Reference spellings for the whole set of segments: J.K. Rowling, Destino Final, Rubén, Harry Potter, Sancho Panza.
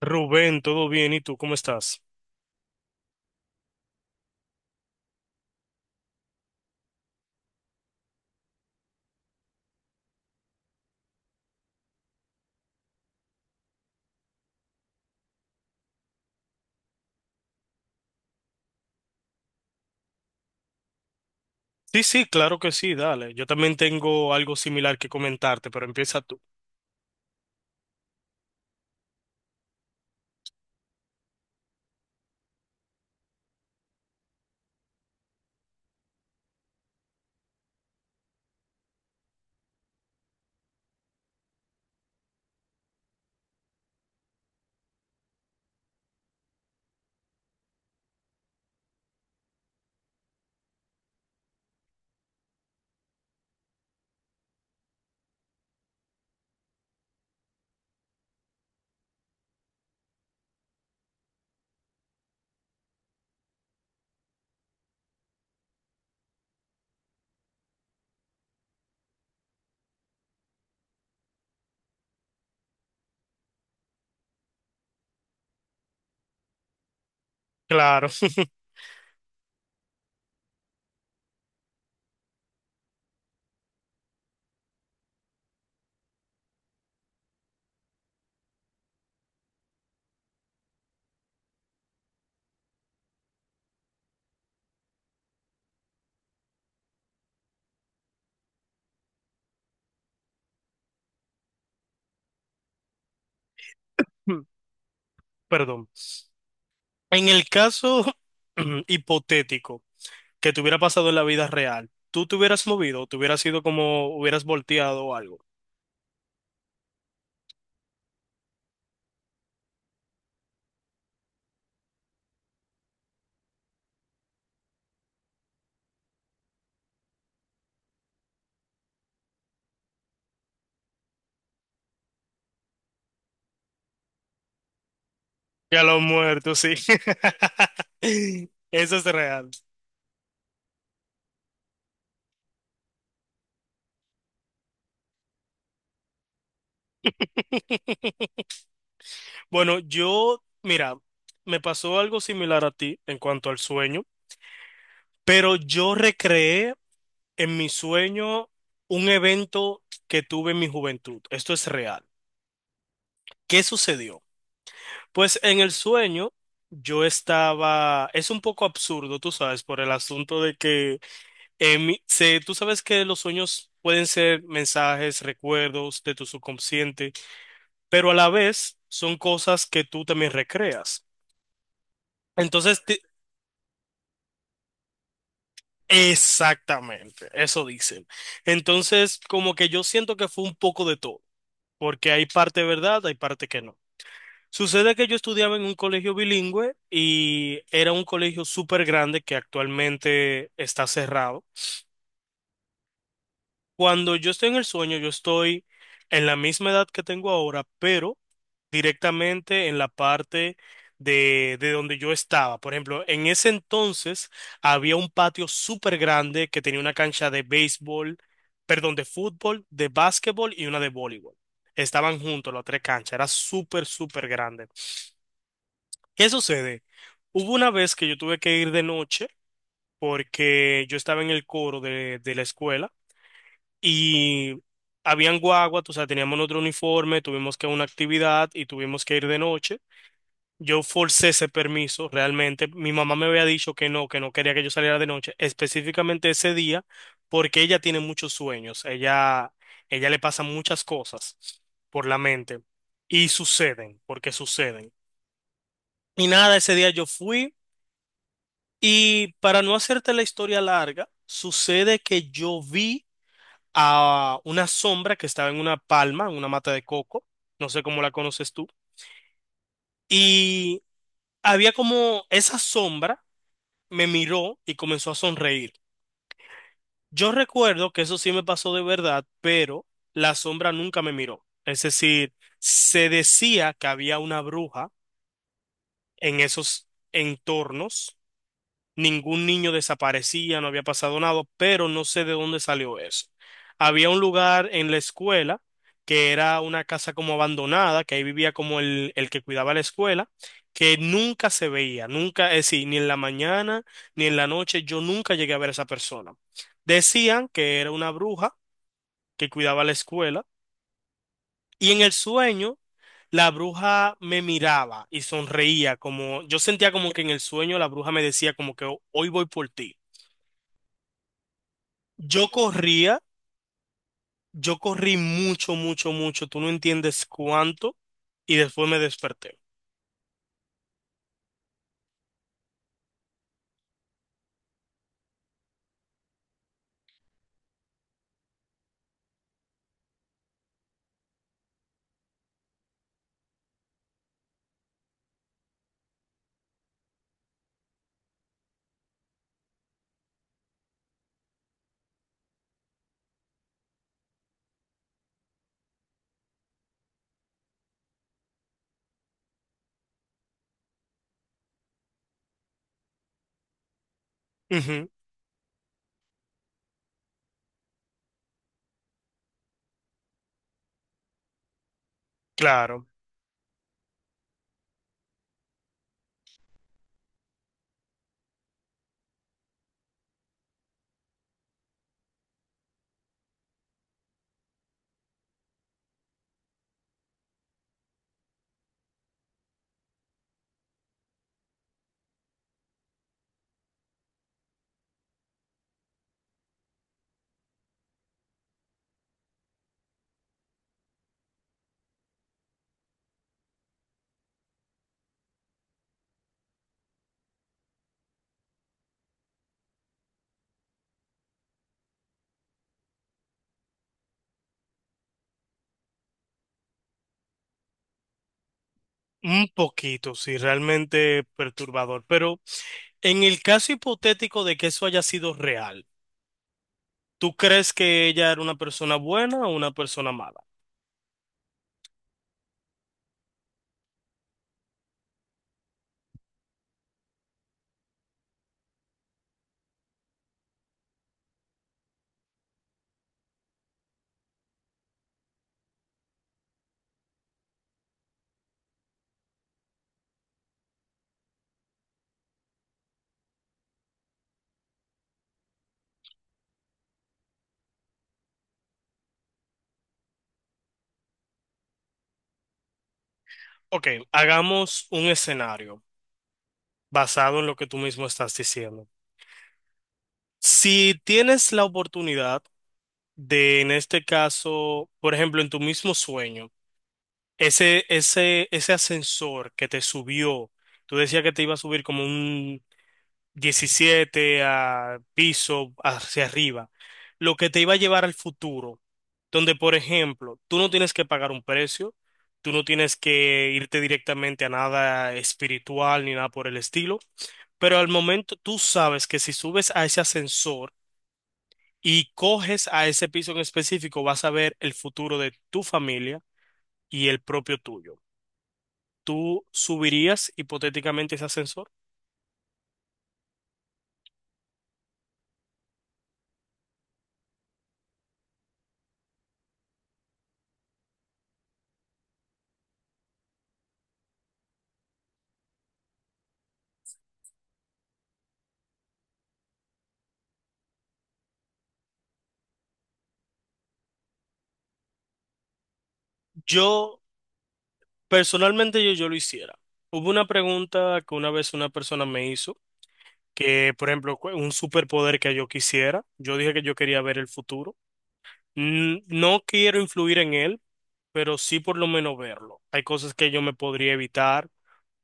Rubén, ¿todo bien? ¿Y tú cómo estás? Sí, sí, claro que sí, dale. Yo también tengo algo similar que comentarte, pero empieza tú. Claro, perdón. En el caso hipotético que te hubiera pasado en la vida real, ¿tú te hubieras movido? ¿Te hubieras ido como hubieras volteado o algo? Ya lo muerto, sí. Eso es real. Bueno, yo, mira, me pasó algo similar a ti en cuanto al sueño. Pero yo recreé en mi sueño un evento que tuve en mi juventud. Esto es real. ¿Qué sucedió? Pues en el sueño yo estaba, es un poco absurdo, tú sabes, por el asunto de que tú sabes que los sueños pueden ser mensajes, recuerdos de tu subconsciente, pero a la vez son cosas que tú también recreas. Entonces, exactamente, eso dicen. Entonces, como que yo siento que fue un poco de todo, porque hay parte verdad, hay parte que no. Sucede que yo estudiaba en un colegio bilingüe y era un colegio súper grande que actualmente está cerrado. Cuando yo estoy en el sueño, yo estoy en la misma edad que tengo ahora, pero directamente en la parte de donde yo estaba. Por ejemplo, en ese entonces había un patio súper grande que tenía una cancha de béisbol, perdón, de fútbol, de básquetbol y una de voleibol. Estaban juntos las tres canchas, era súper, súper grande. ¿Qué sucede? Hubo una vez que yo tuve que ir de noche porque yo estaba en el coro de la escuela y habían guaguas, o sea, teníamos otro uniforme, tuvimos que una actividad y tuvimos que ir de noche. Yo forcé ese permiso, realmente. Mi mamá me había dicho que no quería que yo saliera de noche, específicamente ese día, porque ella tiene muchos sueños, ella le pasan muchas cosas por la mente y suceden, porque suceden. Y nada, ese día yo fui. Y para no hacerte la historia larga, sucede que yo vi a una sombra que estaba en una palma, en una mata de coco, no sé cómo la conoces tú, y había como esa sombra me miró y comenzó a sonreír. Yo recuerdo que eso sí me pasó de verdad, pero la sombra nunca me miró. Es decir, se decía que había una bruja en esos entornos, ningún niño desaparecía, no había pasado nada, pero no sé de dónde salió eso. Había un lugar en la escuela que era una casa como abandonada, que ahí vivía como el que cuidaba la escuela, que nunca se veía, nunca, es decir, ni en la mañana ni en la noche, yo nunca llegué a ver a esa persona. Decían que era una bruja que cuidaba la escuela y en el sueño la bruja me miraba y sonreía, como yo sentía como que en el sueño la bruja me decía como que Hoy voy por ti." Yo corría, yo corrí mucho, mucho, mucho, tú no entiendes cuánto, y después me desperté. Ujú, claro, un poquito, sí, realmente perturbador, pero en el caso hipotético de que eso haya sido real, ¿tú crees que ella era una persona buena o una persona mala? Ok, hagamos un escenario basado en lo que tú mismo estás diciendo. Si tienes la oportunidad de, en este caso, por ejemplo, en tu mismo sueño, ese, ese ascensor que te subió, tú decías que te iba a subir como un 17 a piso hacia arriba, lo que te iba a llevar al futuro, donde, por ejemplo, tú no tienes que pagar un precio, tú no tienes que irte directamente a nada espiritual ni nada por el estilo, pero al momento tú sabes que si subes a ese ascensor y coges a ese piso en específico, vas a ver el futuro de tu familia y el propio tuyo. ¿Tú subirías hipotéticamente ese ascensor? Yo, personalmente, yo lo hiciera. Hubo una pregunta que una vez una persona me hizo, que, por ejemplo, un superpoder que yo quisiera. Yo dije que yo quería ver el futuro. No quiero influir en él, pero sí por lo menos verlo. Hay cosas que yo me podría evitar,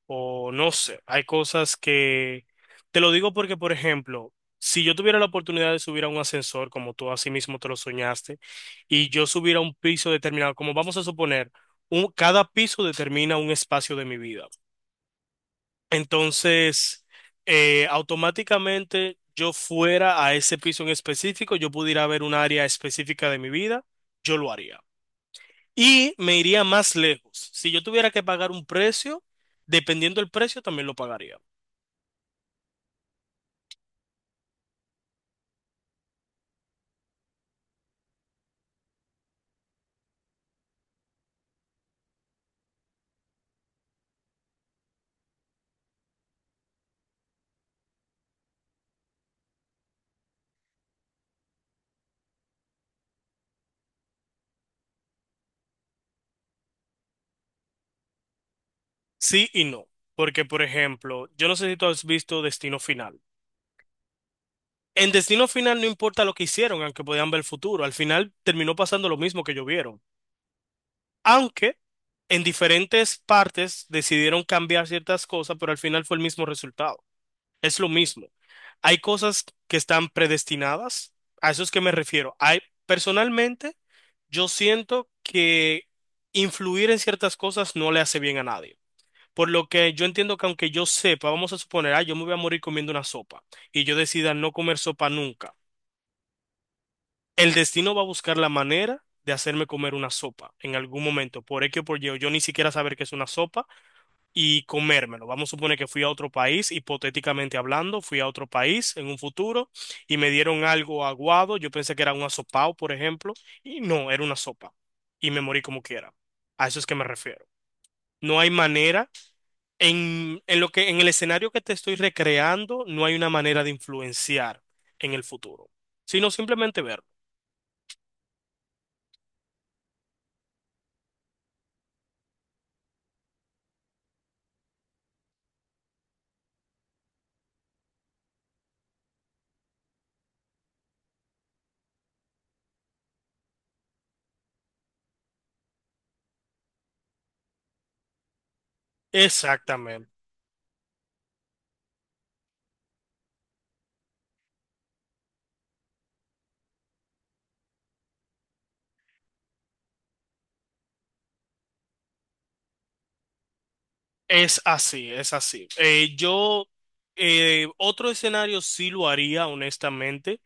o no sé, hay cosas que... Te lo digo porque, por ejemplo, si yo tuviera la oportunidad de subir a un ascensor, como tú así mismo te lo soñaste, y yo subiera a un piso determinado, como vamos a suponer, un, cada piso determina un espacio de mi vida. Entonces, automáticamente yo fuera a ese piso en específico, yo pudiera ver un área específica de mi vida, yo lo haría. Y me iría más lejos. Si yo tuviera que pagar un precio, dependiendo del precio, también lo pagaría. Sí y no, porque por ejemplo, yo no sé si tú has visto Destino Final. En Destino Final no importa lo que hicieron, aunque podían ver el futuro, al final terminó pasando lo mismo que ellos vieron. Aunque en diferentes partes decidieron cambiar ciertas cosas, pero al final fue el mismo resultado. Es lo mismo. Hay cosas que están predestinadas, a eso es que me refiero. Hay, personalmente, yo siento que influir en ciertas cosas no le hace bien a nadie. Por lo que yo entiendo que aunque yo sepa, vamos a suponer, ah, yo me voy a morir comiendo una sopa y yo decida no comer sopa nunca, el destino va a buscar la manera de hacerme comer una sopa en algún momento, por X o por Y, o yo ni siquiera saber que es una sopa y comérmelo. Vamos a suponer que fui a otro país, hipotéticamente hablando, fui a otro país en un futuro y me dieron algo aguado, yo pensé que era un asopao, por ejemplo, y no, era una sopa y me morí como quiera. A eso es que me refiero. No hay manera. En lo que, en el escenario que te estoy recreando, no hay una manera de influenciar en el futuro, sino simplemente verlo. Exactamente. Es así, es así. Otro escenario sí lo haría, honestamente.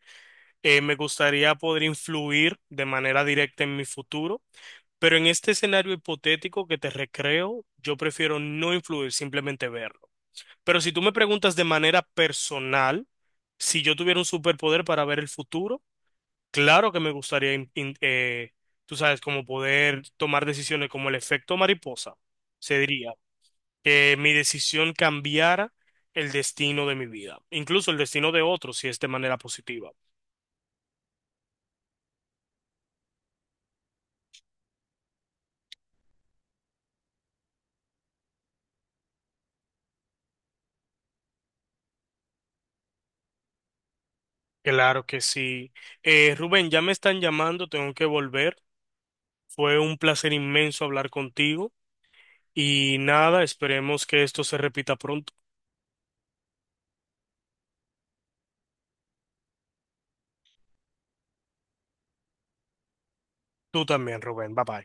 Me gustaría poder influir de manera directa en mi futuro, pero en este escenario hipotético que te recreo, yo prefiero no influir, simplemente verlo. Pero si tú me preguntas de manera personal, si yo tuviera un superpoder para ver el futuro, claro que me gustaría, tú sabes, como poder tomar decisiones como el efecto mariposa, se diría, que mi decisión cambiara el destino de mi vida, incluso el destino de otros, si es de manera positiva. Claro que sí. Rubén, ya me están llamando, tengo que volver. Fue un placer inmenso hablar contigo y nada, esperemos que esto se repita pronto. Tú también, Rubén. Bye bye.